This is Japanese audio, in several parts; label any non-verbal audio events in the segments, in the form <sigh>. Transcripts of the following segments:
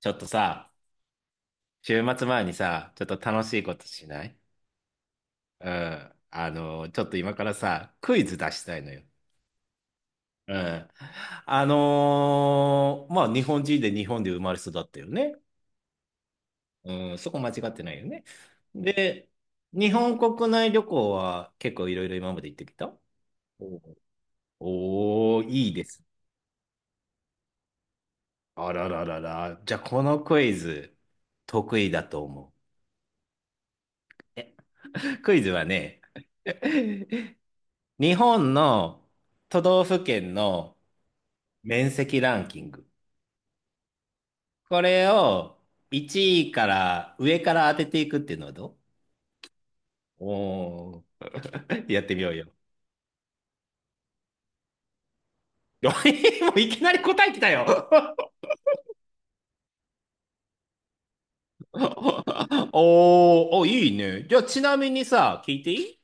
ちょっとさ、週末前にさ、ちょっと楽しいことしない？うん。ちょっと今からさ、クイズ出したいのよ。うん。日本人で日本で生まれ育ったよね。うん、そこ間違ってないよね。で、日本国内旅行は結構いろいろ今まで行ってきた？おー、おーいいです。あらららら。じゃあ、このクイズ、得意だと思う。<laughs> クイズはね、<laughs> 日本の都道府県の面積ランキング。これを1位から上から当てていくっていうのはどう？おー、<laughs> やってみようよ。<laughs> いもういきなり答えきたよ。<laughs> おー、お、いいね。じゃあちなみにさ、聞いていい？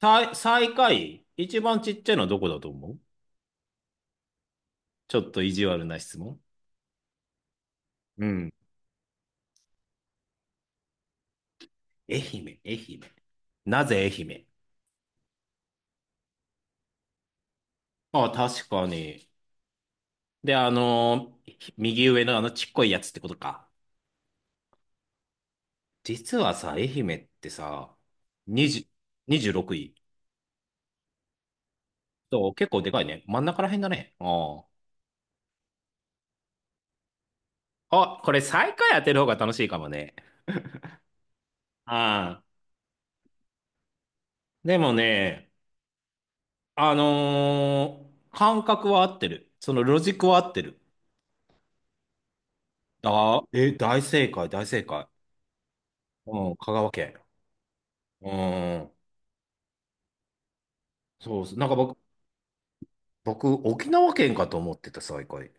最、最下位一番ちっちゃいのはどこだと思う？ちょっと意地悪な質問。うん。愛媛、愛媛。なぜ愛媛？あ、確かに。で、右上のあのちっこいやつってことか。実はさ、愛媛ってさ、20、26位。そう、結構でかいね。真ん中らへんだね。ああ。あ、これ最下位当てる方が楽しいかもね。ああ。でもね、感覚は合ってる。そのロジックは合ってる。ああ、え、大正解、大正解。うん、香川県。うん。そうそう。なんか僕、沖縄県かと思ってた、最下位。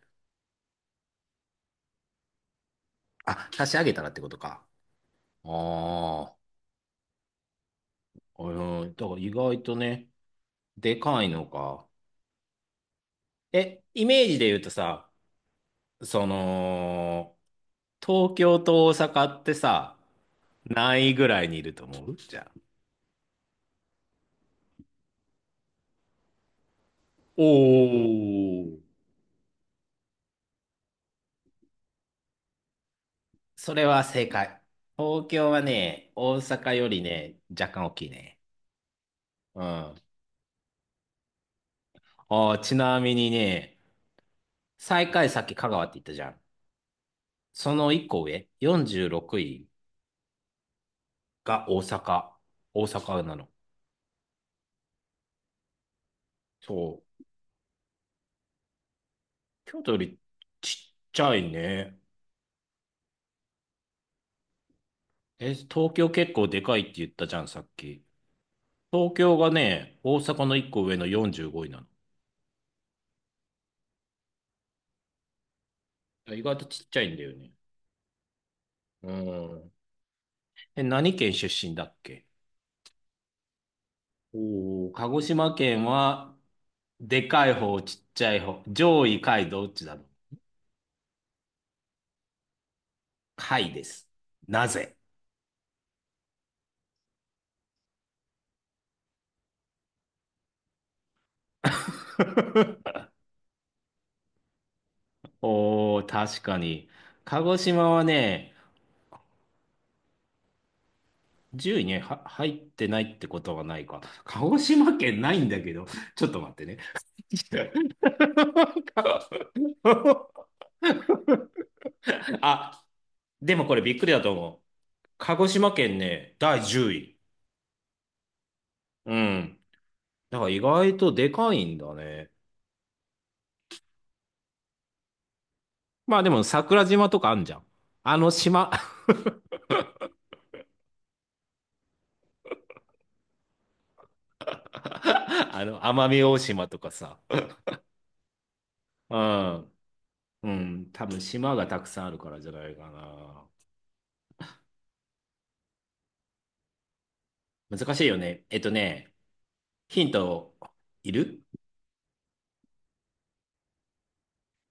あ、差し上げたらってことか。ああ。うん、だから意外とね、でかいのか。え、イメージで言うとさ、その、東京と大阪ってさ、何位ぐらいにいると思う？じゃあ。おー。それは正解。東京はね、大阪よりね、若干大きいね。うん。ああ、ちなみにね、最下位さっき香川って言ったじゃん。その一個上、46位が大阪。大阪なの。そう。京都よりちっちゃいね。え、東京結構でかいって言ったじゃん、さっき。東京がね、大阪の1個上の45位なの。意外とちっちゃいんだよね。うん。え、何県出身だっけ？おー、鹿児島県は、でかい方、ちっちゃい方、上位、下位、どっちだろう。下位です。なぜ？ <laughs> おー、確かに。鹿児島はね、10位には入ってないってことはないか。鹿児島県ないんだけど、ちょっと待ってね。<laughs> あ、でもこれびっくりだと思う。鹿児島県ね、第10位。うん。だから意外とでかいんだね。まあでも桜島とかあんじゃん。あの島 <laughs> あの奄美大島とかさ。うん。うん。多分島がたくさんあるからじゃないかな。難しいよね。えっとね、ヒントいる？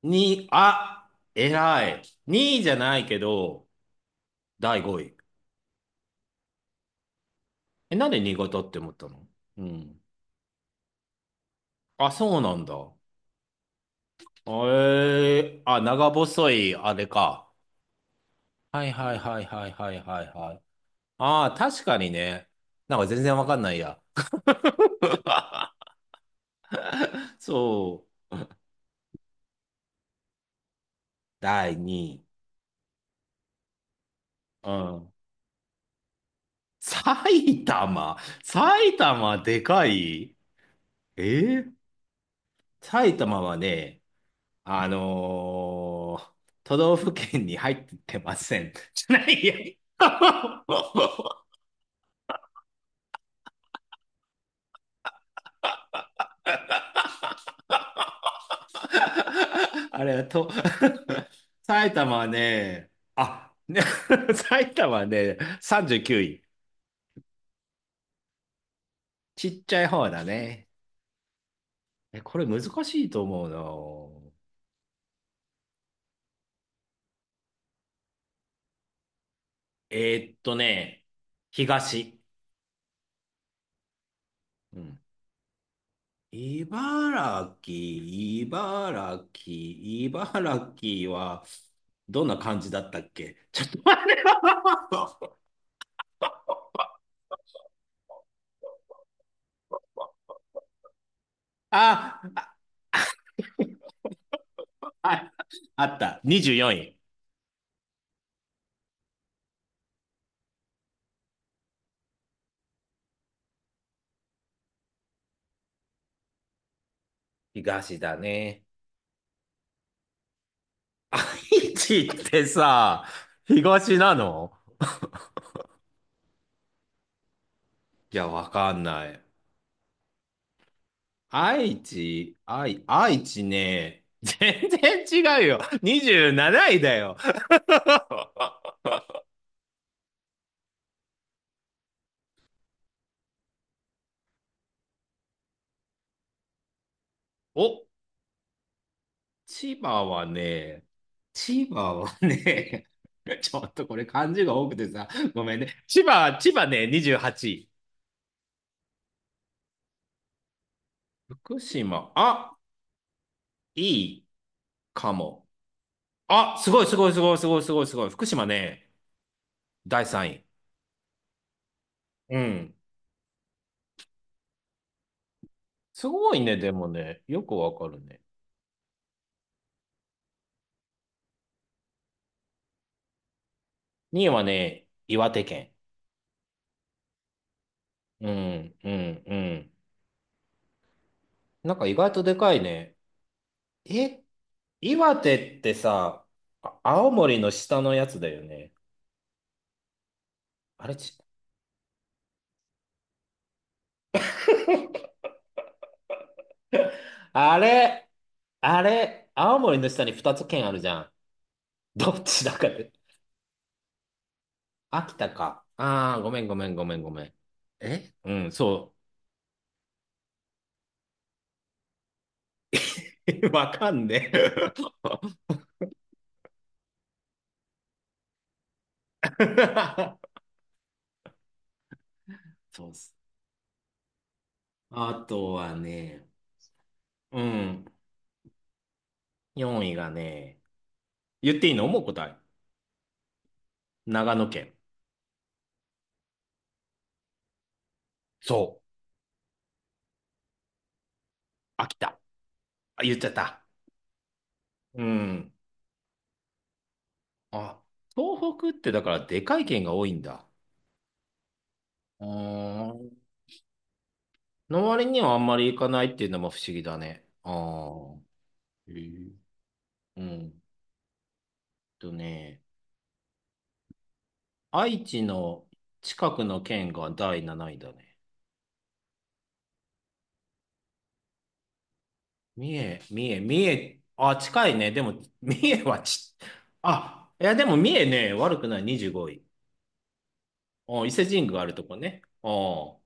に、あ、偉い。2位じゃないけど、第5位。え、なんで新潟って思ったの？うん。あ、そうなんだ。えー、あ、長細い、あれか。はいはいはいはいはいはいはい。ああ、確かにね。なんか全然わかんないや。<laughs> そう。第2位。うん。埼玉。埼玉でかい？えー、埼玉はね、あのー都道府県に入ってません。<laughs> じゃないや。<laughs> あれはと、<laughs> 埼玉はね。 <laughs> 埼玉はね、39位。ちっちゃい方だね。え、これ難しいと思うな。ね、東。うん、茨城、茨城、茨城は、どんな感じだったっけ？ <laughs> ちょっと待って。 <laughs> あ、あ、あった。24位。東だね。愛知ってさ、東なの？いや、わかんない。愛知ね、全然違うよ。27位だよ。<laughs> お、千葉はね、千葉はね、<laughs> ちょっとこれ漢字が多くてさ、ごめんね。千葉ね、28位。福島、あ、いいかも。あ、すごいすごいすごいすごいすごいすごい。福島ね、第3位。うん。すごいね、でもね、よくわかるね。にいはね、岩手県。うん、うん、うん。なんか意外とでかいね。え、岩手ってさ、あ、青森の下のやつだよね。あれ、ち、あれ、あれ、青森の下に2つ県あるじゃん。どっちだかで。秋田か。ああ、ごめんごめんごめんごめん。え、うん、そう。<laughs> わかんねえ。<laughs> そうっす。あとはね、うん、4位がね、言っていいの？もう答え。長野県。そう。秋田。あ、言っちゃった。うん。あ、東北ってだからでかい県が多いんだ。うーん、の割にはあんまり行かないっていうのも不思議だね。ああ。へえ。うんとね、愛知の近くの県が第7位だね。三重、三重、三重、あ、近いね。でも、三重はち、あ、いや、でも三重ね、悪くない25位。あ、伊勢神宮があるとこね。あ、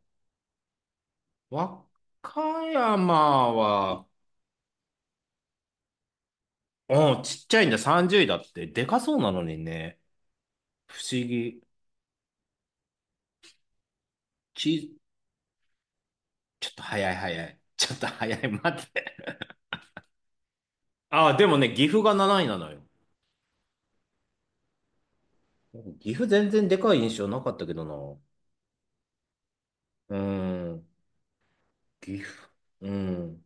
和歌山は、あ、ちっちゃいんだ、30位だって。でかそうなのにね。不思議。ち、ちょっと早い早い。ちょっと早い。待って。ああ、でもね、岐阜が7位なのよ。岐阜全然でかい印象なかったけどな。うーん。岐阜。うん。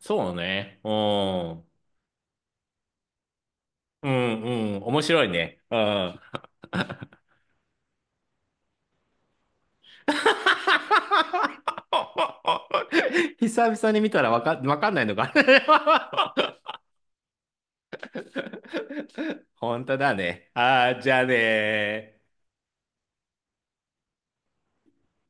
そうね。うん。うんうん。面白いね。うん。<laughs> 久々に見たらわか、わかんないのか。<laughs> 本当だね。ああ、じゃあね。